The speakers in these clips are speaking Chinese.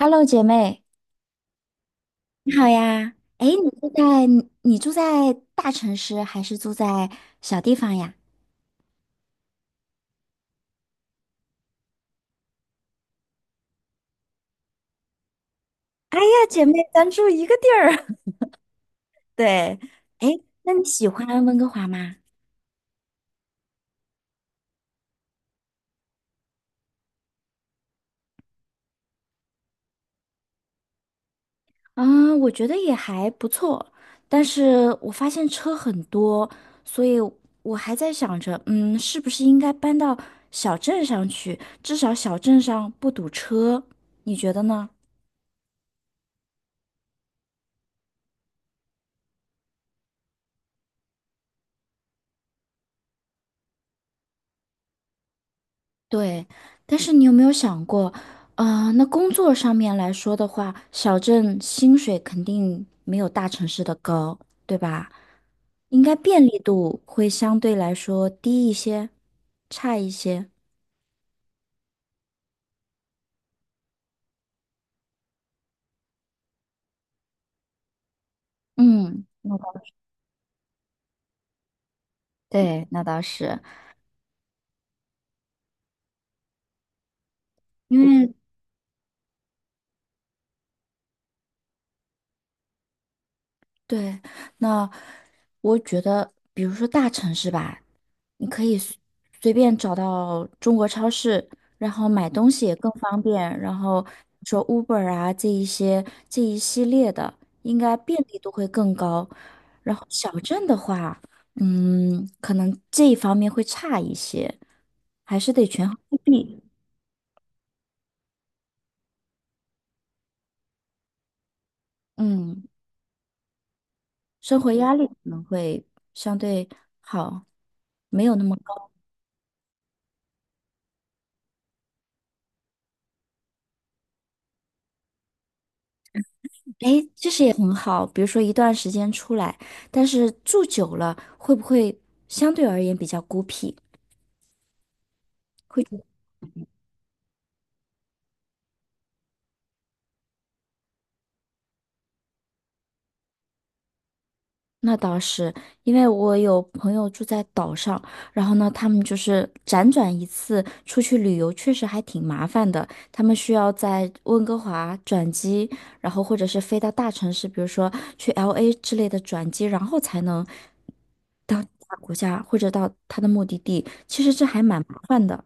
Hello，姐妹，你好呀。哎，你住在大城市还是住在小地方呀？哎呀，姐妹，咱住一个地儿。对。哎，那你喜欢温哥华吗？嗯，我觉得也还不错，但是我发现车很多，所以我还在想着，是不是应该搬到小镇上去？至少小镇上不堵车，你觉得呢？对，但是你有没有想过，那工作上面来说的话，小镇薪水肯定没有大城市的高，对吧？应该便利度会相对来说低一些，差一些。嗯，那倒是。因为对，那我觉得，比如说大城市吧。你可以随便找到中国超市，然后买东西也更方便。然后说 Uber 啊，这一些这一系列的，应该便利度会更高。然后小镇的话，可能这一方面会差一些，还是得权衡利弊。嗯，生活压力可能会相对好，没有那么高。哎，其实也很好。比如说一段时间出来，但是住久了会不会相对而言比较孤僻？会觉得那倒是，因为我有朋友住在岛上，然后呢，他们就是辗转一次出去旅游，确实还挺麻烦的。他们需要在温哥华转机，然后或者是飞到大城市，比如说去 LA 之类的转机，然后才能到其他国家或者到他的目的地。其实这还蛮麻烦的，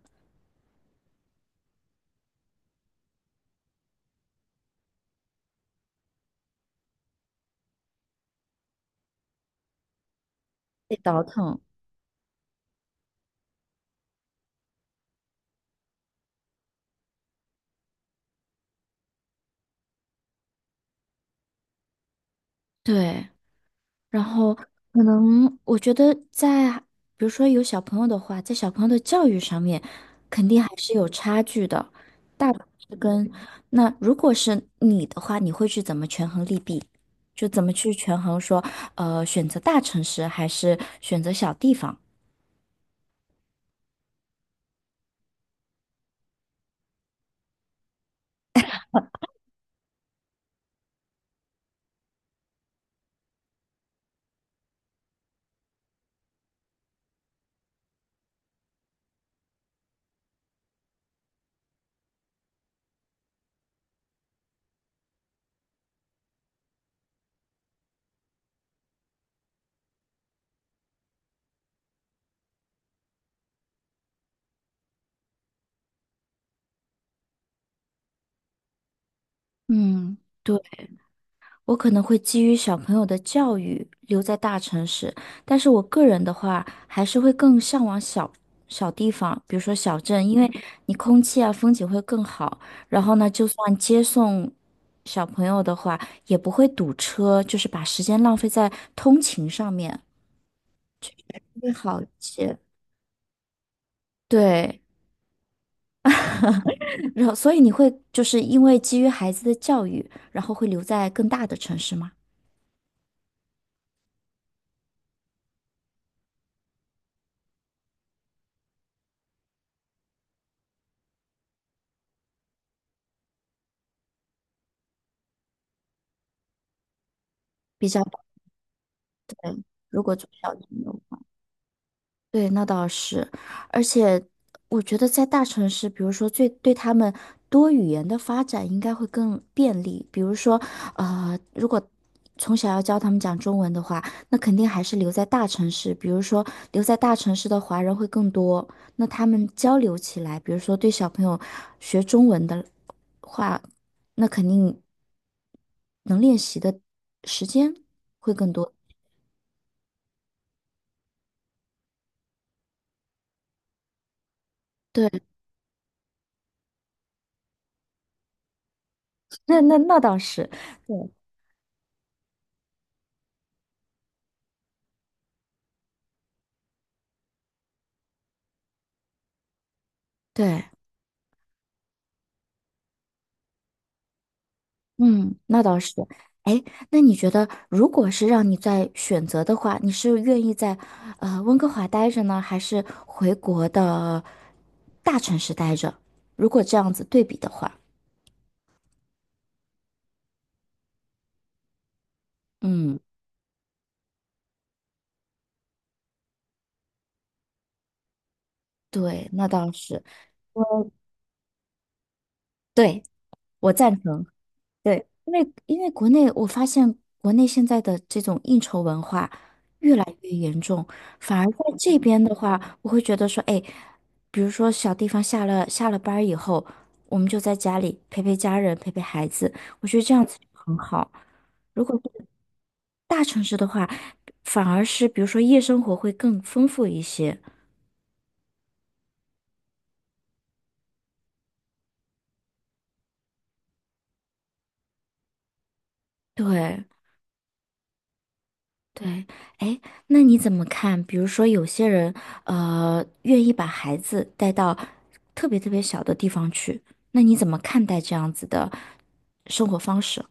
得倒腾。对，然后可能我觉得在，比如说有小朋友的话，在小朋友的教育上面，肯定还是有差距的。大部分是跟，那如果是你的话，你会去怎么权衡利弊？就怎么去权衡说，选择大城市还是选择小地方？嗯，对。我可能会基于小朋友的教育留在大城市，但是我个人的话，还是会更向往小地方，比如说小镇，因为你空气啊、风景会更好。然后呢，就算接送小朋友的话，也不会堵车，就是把时间浪费在通勤上面会好一些。对，然后所以你会就是因为基于孩子的教育，然后会留在更大的城市吗？比较，如果做小镇的话。对，那倒是，而且我觉得在大城市，比如说最对他们多语言的发展应该会更便利。比如说，如果从小要教他们讲中文的话，那肯定还是留在大城市。比如说，留在大城市的华人会更多，那他们交流起来，比如说对小朋友学中文的话，那肯定能练习的时间会更多。对，那倒是。对。对，嗯，那倒是。哎，那你觉得，如果是让你再选择的话，你是愿意在温哥华待着呢，还是回国的大城市待着？如果这样子对比的话，嗯，对，那倒是，对，我赞成。对，因为国内我发现国内现在的这种应酬文化越来越严重，反而在这边的话，我会觉得说，哎，比如说小地方下了班儿以后，我们就在家里陪陪家人，陪陪孩子，我觉得这样子很好。如果是大城市的话，反而是比如说夜生活会更丰富一些。对，对。哎，那你怎么看？比如说，有些人愿意把孩子带到特别特别小的地方去，那你怎么看待这样子的生活方式？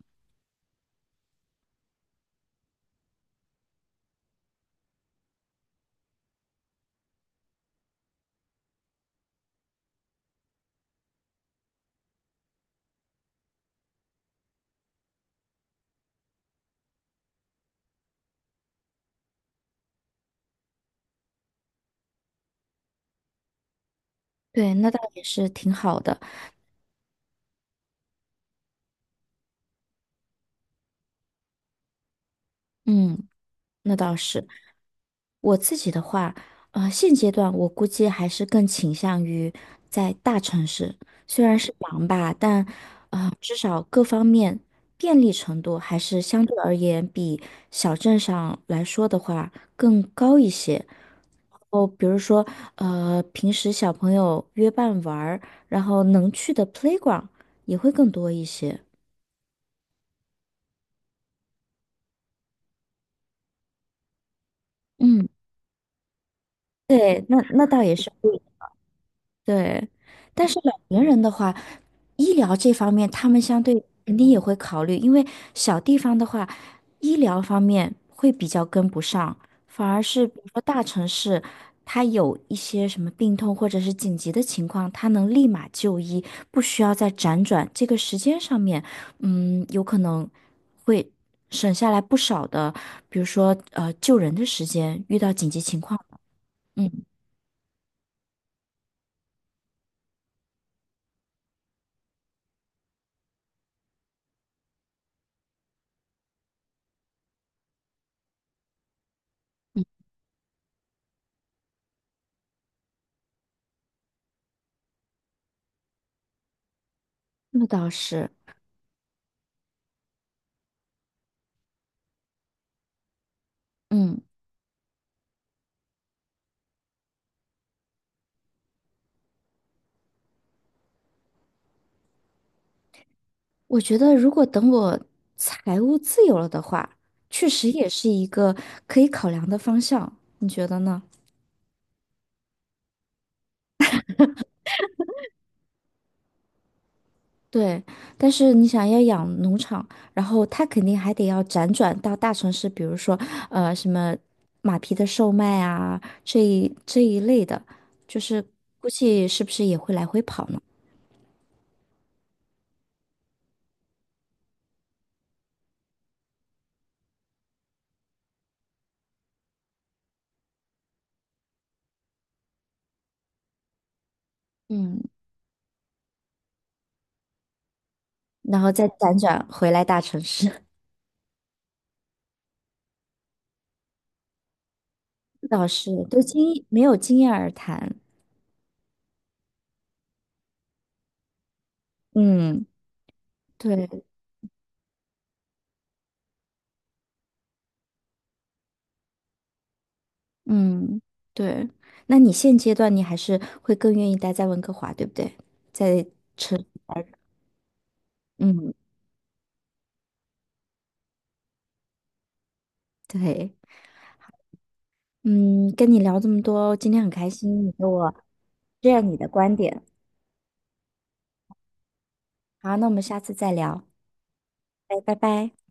对，那倒也是挺好的。嗯，那倒是。我自己的话，现阶段我估计还是更倾向于在大城市，虽然是忙吧，但至少各方面便利程度还是相对而言比小镇上来说的话更高一些。哦，比如说，平时小朋友约伴玩儿然后能去的 playground 也会更多一些。嗯，对，那那倒也是。对，但是老年人的话，医疗这方面他们相对肯定也会考虑，因为小地方的话，医疗方面会比较跟不上，反而是比如说大城市，他有一些什么病痛或者是紧急的情况，他能立马就医，不需要再辗转，这个时间上面，有可能会省下来不少的，比如说救人的时间，遇到紧急情况，嗯，那倒是，嗯。我觉得，如果等我财务自由了的话，确实也是一个可以考量的方向，你觉得呢？对，但是你想要养农场，然后他肯定还得要辗转到大城市，比如说什么马匹的售卖啊，这一类的，就是估计是不是也会来回跑呢？嗯，然后再辗转回来大城市，倒是对没有经验而谈。嗯，对。嗯，对。那你现阶段你还是会更愿意待在温哥华，对不对？在城，嗯，对，嗯，跟你聊这么多，今天很开心，你给我这样你的观点。好，那我们下次再聊，拜拜拜。